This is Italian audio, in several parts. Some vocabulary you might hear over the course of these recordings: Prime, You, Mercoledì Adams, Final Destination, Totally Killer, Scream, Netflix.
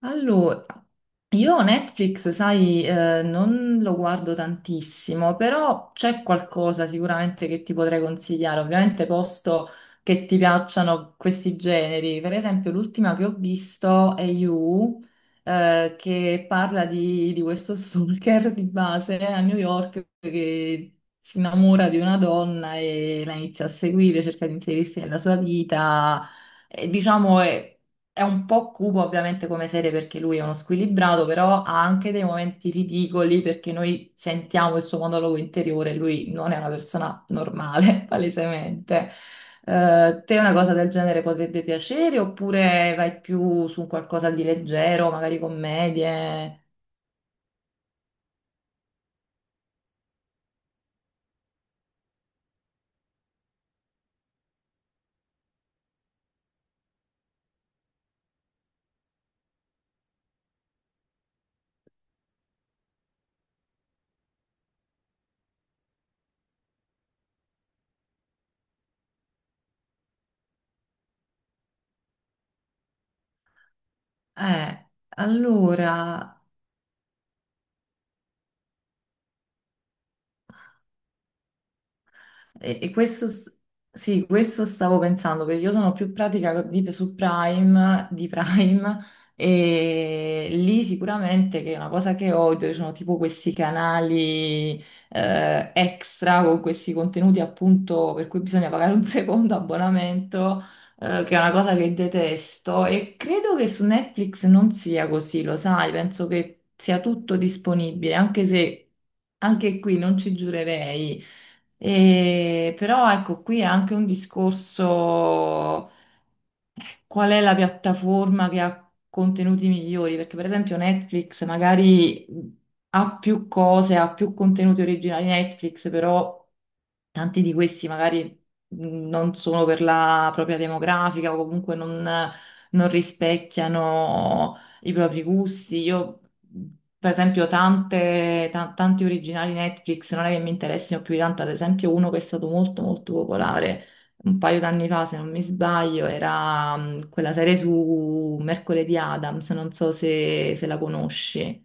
Allora, io Netflix, sai, non lo guardo tantissimo, però c'è qualcosa sicuramente che ti potrei consigliare, ovviamente posto che ti piacciono questi generi. Per esempio, l'ultima che ho visto è You, che parla di questo stalker di base a New York che si innamora di una donna e la inizia a seguire, cerca di inserirsi nella sua vita. E, diciamo, è un po' cupo ovviamente come serie perché lui è uno squilibrato, però ha anche dei momenti ridicoli perché noi sentiamo il suo monologo interiore, lui non è una persona normale, palesemente. Te una cosa del genere potrebbe piacere oppure vai più su un qualcosa di leggero, magari commedie? Eh, allora, E questo, sì, questo stavo pensando, perché io sono più pratica su Prime, di Prime, e lì sicuramente che è una cosa che odio, ci sono tipo questi canali extra con questi contenuti appunto per cui bisogna pagare un secondo abbonamento, che è una cosa che detesto, e credo che su Netflix non sia così, lo sai, penso che sia tutto disponibile, anche se... Anche qui non ci giurerei. Però ecco qui è anche un discorso, eh, qual è la piattaforma che ha contenuti migliori, perché per esempio Netflix magari ha più cose, ha più contenuti originali Netflix, però tanti di questi magari non sono per la propria demografica o comunque non, non rispecchiano i propri gusti. Io, mh, per esempio, tanti originali Netflix non è che mi interessino più di tanto, ad esempio uno che è stato molto molto popolare un paio d'anni fa, se non mi sbaglio, era quella serie su Mercoledì Adams, non so se la conosci.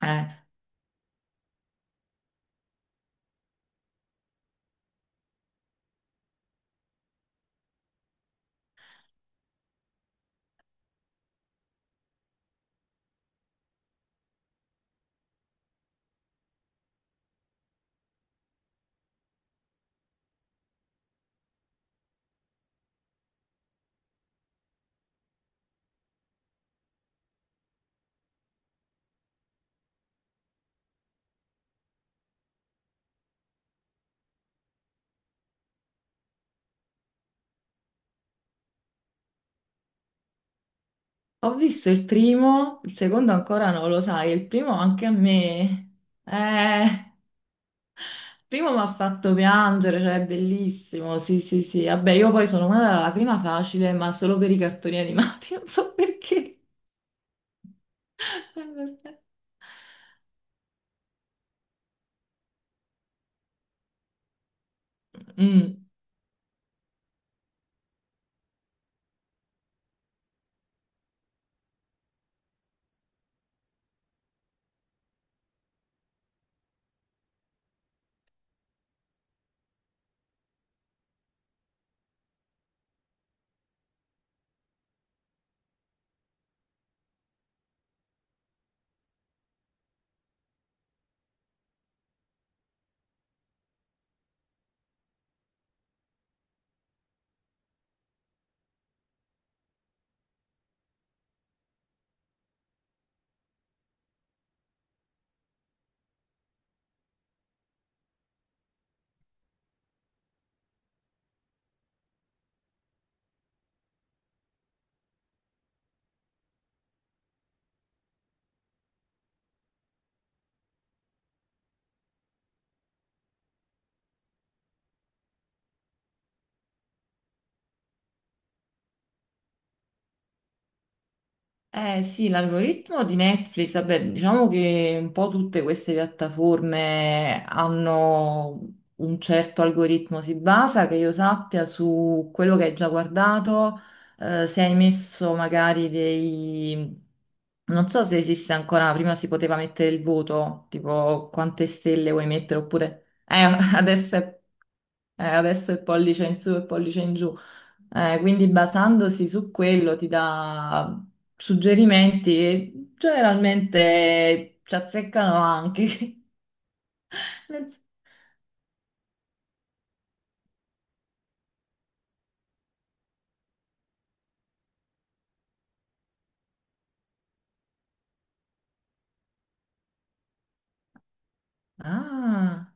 Eh, Ho visto il primo, il secondo ancora non lo sai, il primo anche a me. Il primo mi ha fatto piangere, cioè è bellissimo, sì, sì, sì. Vabbè, io poi sono una della prima facile, ma solo per i cartoni animati, non so perché. Mm. Eh sì, l'algoritmo di Netflix, vabbè, diciamo che un po' tutte queste piattaforme hanno un certo algoritmo, si basa, che io sappia, su quello che hai già guardato, se hai messo magari dei... Non so se esiste ancora, prima si poteva mettere il voto, tipo quante stelle vuoi mettere, oppure... adesso è adesso è pollice in su e pollice in giù. Quindi basandosi su quello ti dà suggerimenti e generalmente ci azzeccano anche. Nel- Ah,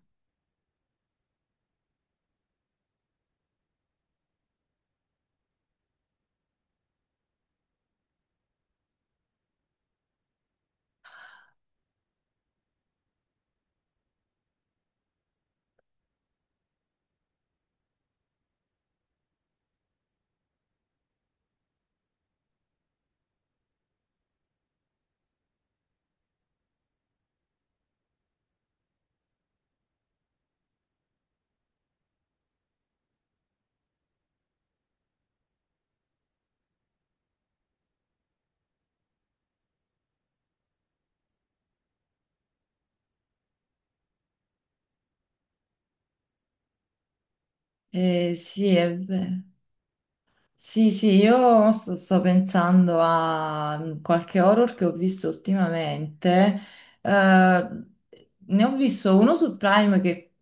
sì, è vero. Sì, sì, sto pensando a qualche horror che ho visto ultimamente. Eh, Ne ho visto uno su Prime che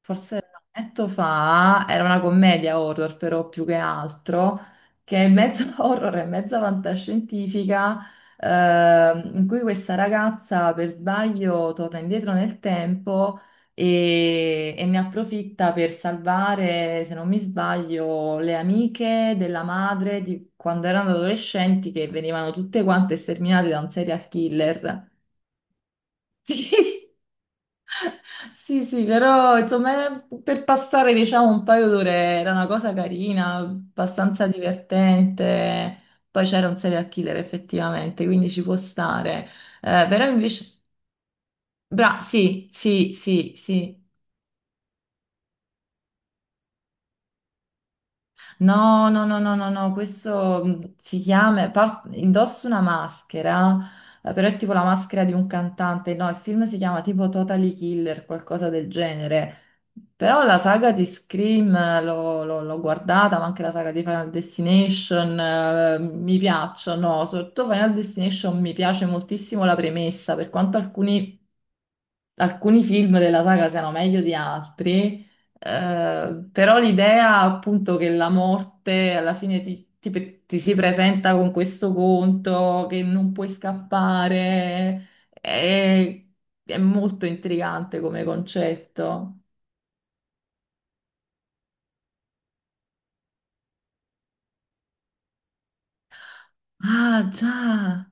forse un annetto fa era una commedia horror, però più che altro, che è mezzo horror e mezza fantascientifica, in cui questa ragazza per sbaglio torna indietro nel tempo e ne approfitta per salvare, se non mi sbaglio, le amiche della madre di quando erano adolescenti che venivano tutte quante sterminate da un serial killer. Sì, sì, sì, però insomma, era per passare diciamo un paio d'ore, era una cosa carina, abbastanza divertente. Poi c'era un serial killer effettivamente, quindi ci può stare. Però invece... Bra, sì, sì, sì, sì. No, no, no, no, no, no, questo si chiama, indossa una maschera, però è tipo la maschera di un cantante, no, il film si chiama tipo Totally Killer, qualcosa del genere, però la saga di Scream l'ho guardata, ma anche la saga di Final Destination, mi piacciono, soprattutto Final Destination mi piace moltissimo la premessa, per quanto alcuni film della saga siano meglio di altri, però l'idea appunto che la morte alla fine ti si presenta con questo conto, che non puoi scappare, è molto intrigante come concetto. Ah, già.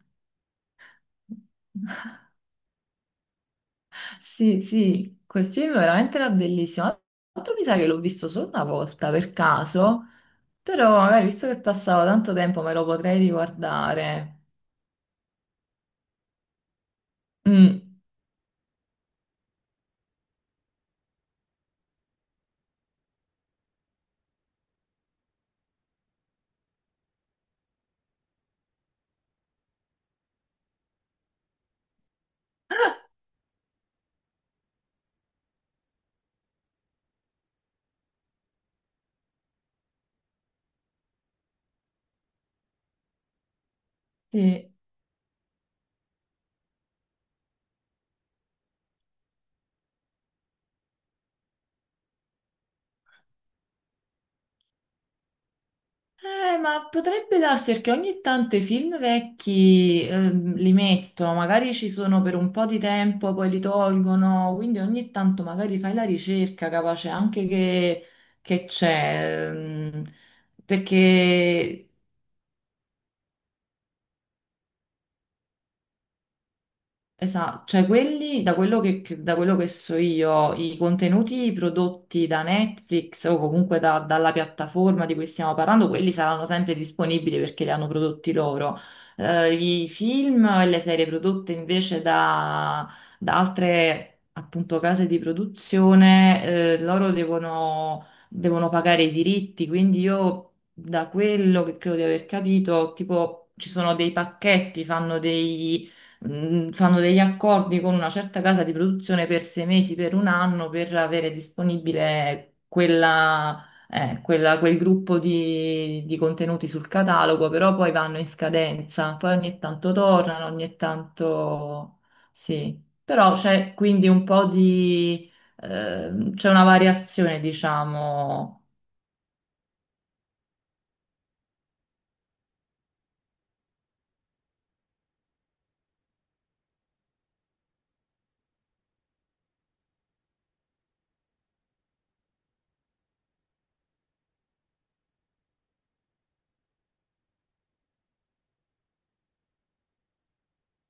Sì, sì, quel film veramente era bellissimo. Tra l'altro mi sa che l'ho visto solo una volta per caso, però magari visto che passavo tanto tempo me lo potrei riguardare. Mm, sì. Ma potrebbe darsi perché ogni tanto i film vecchi li mettono, magari ci sono per un po' di tempo, poi li tolgono, quindi ogni tanto magari fai la ricerca, capace anche che c'è, perché... Esatto, cioè quelli, da quello da quello che so io, i contenuti prodotti da Netflix o comunque dalla piattaforma di cui stiamo parlando, quelli saranno sempre disponibili perché li hanno prodotti loro. I film e le serie prodotte invece da altre appunto case di produzione, loro devono, devono pagare i diritti, quindi io da quello che credo di aver capito, tipo ci sono dei pacchetti, fanno dei fanno degli accordi con una certa casa di produzione per 6 mesi, per un anno, per avere disponibile quella, quel gruppo di contenuti sul catalogo, però poi vanno in scadenza, poi ogni tanto tornano, ogni tanto sì. Però c'è quindi un po' di... c'è una variazione, diciamo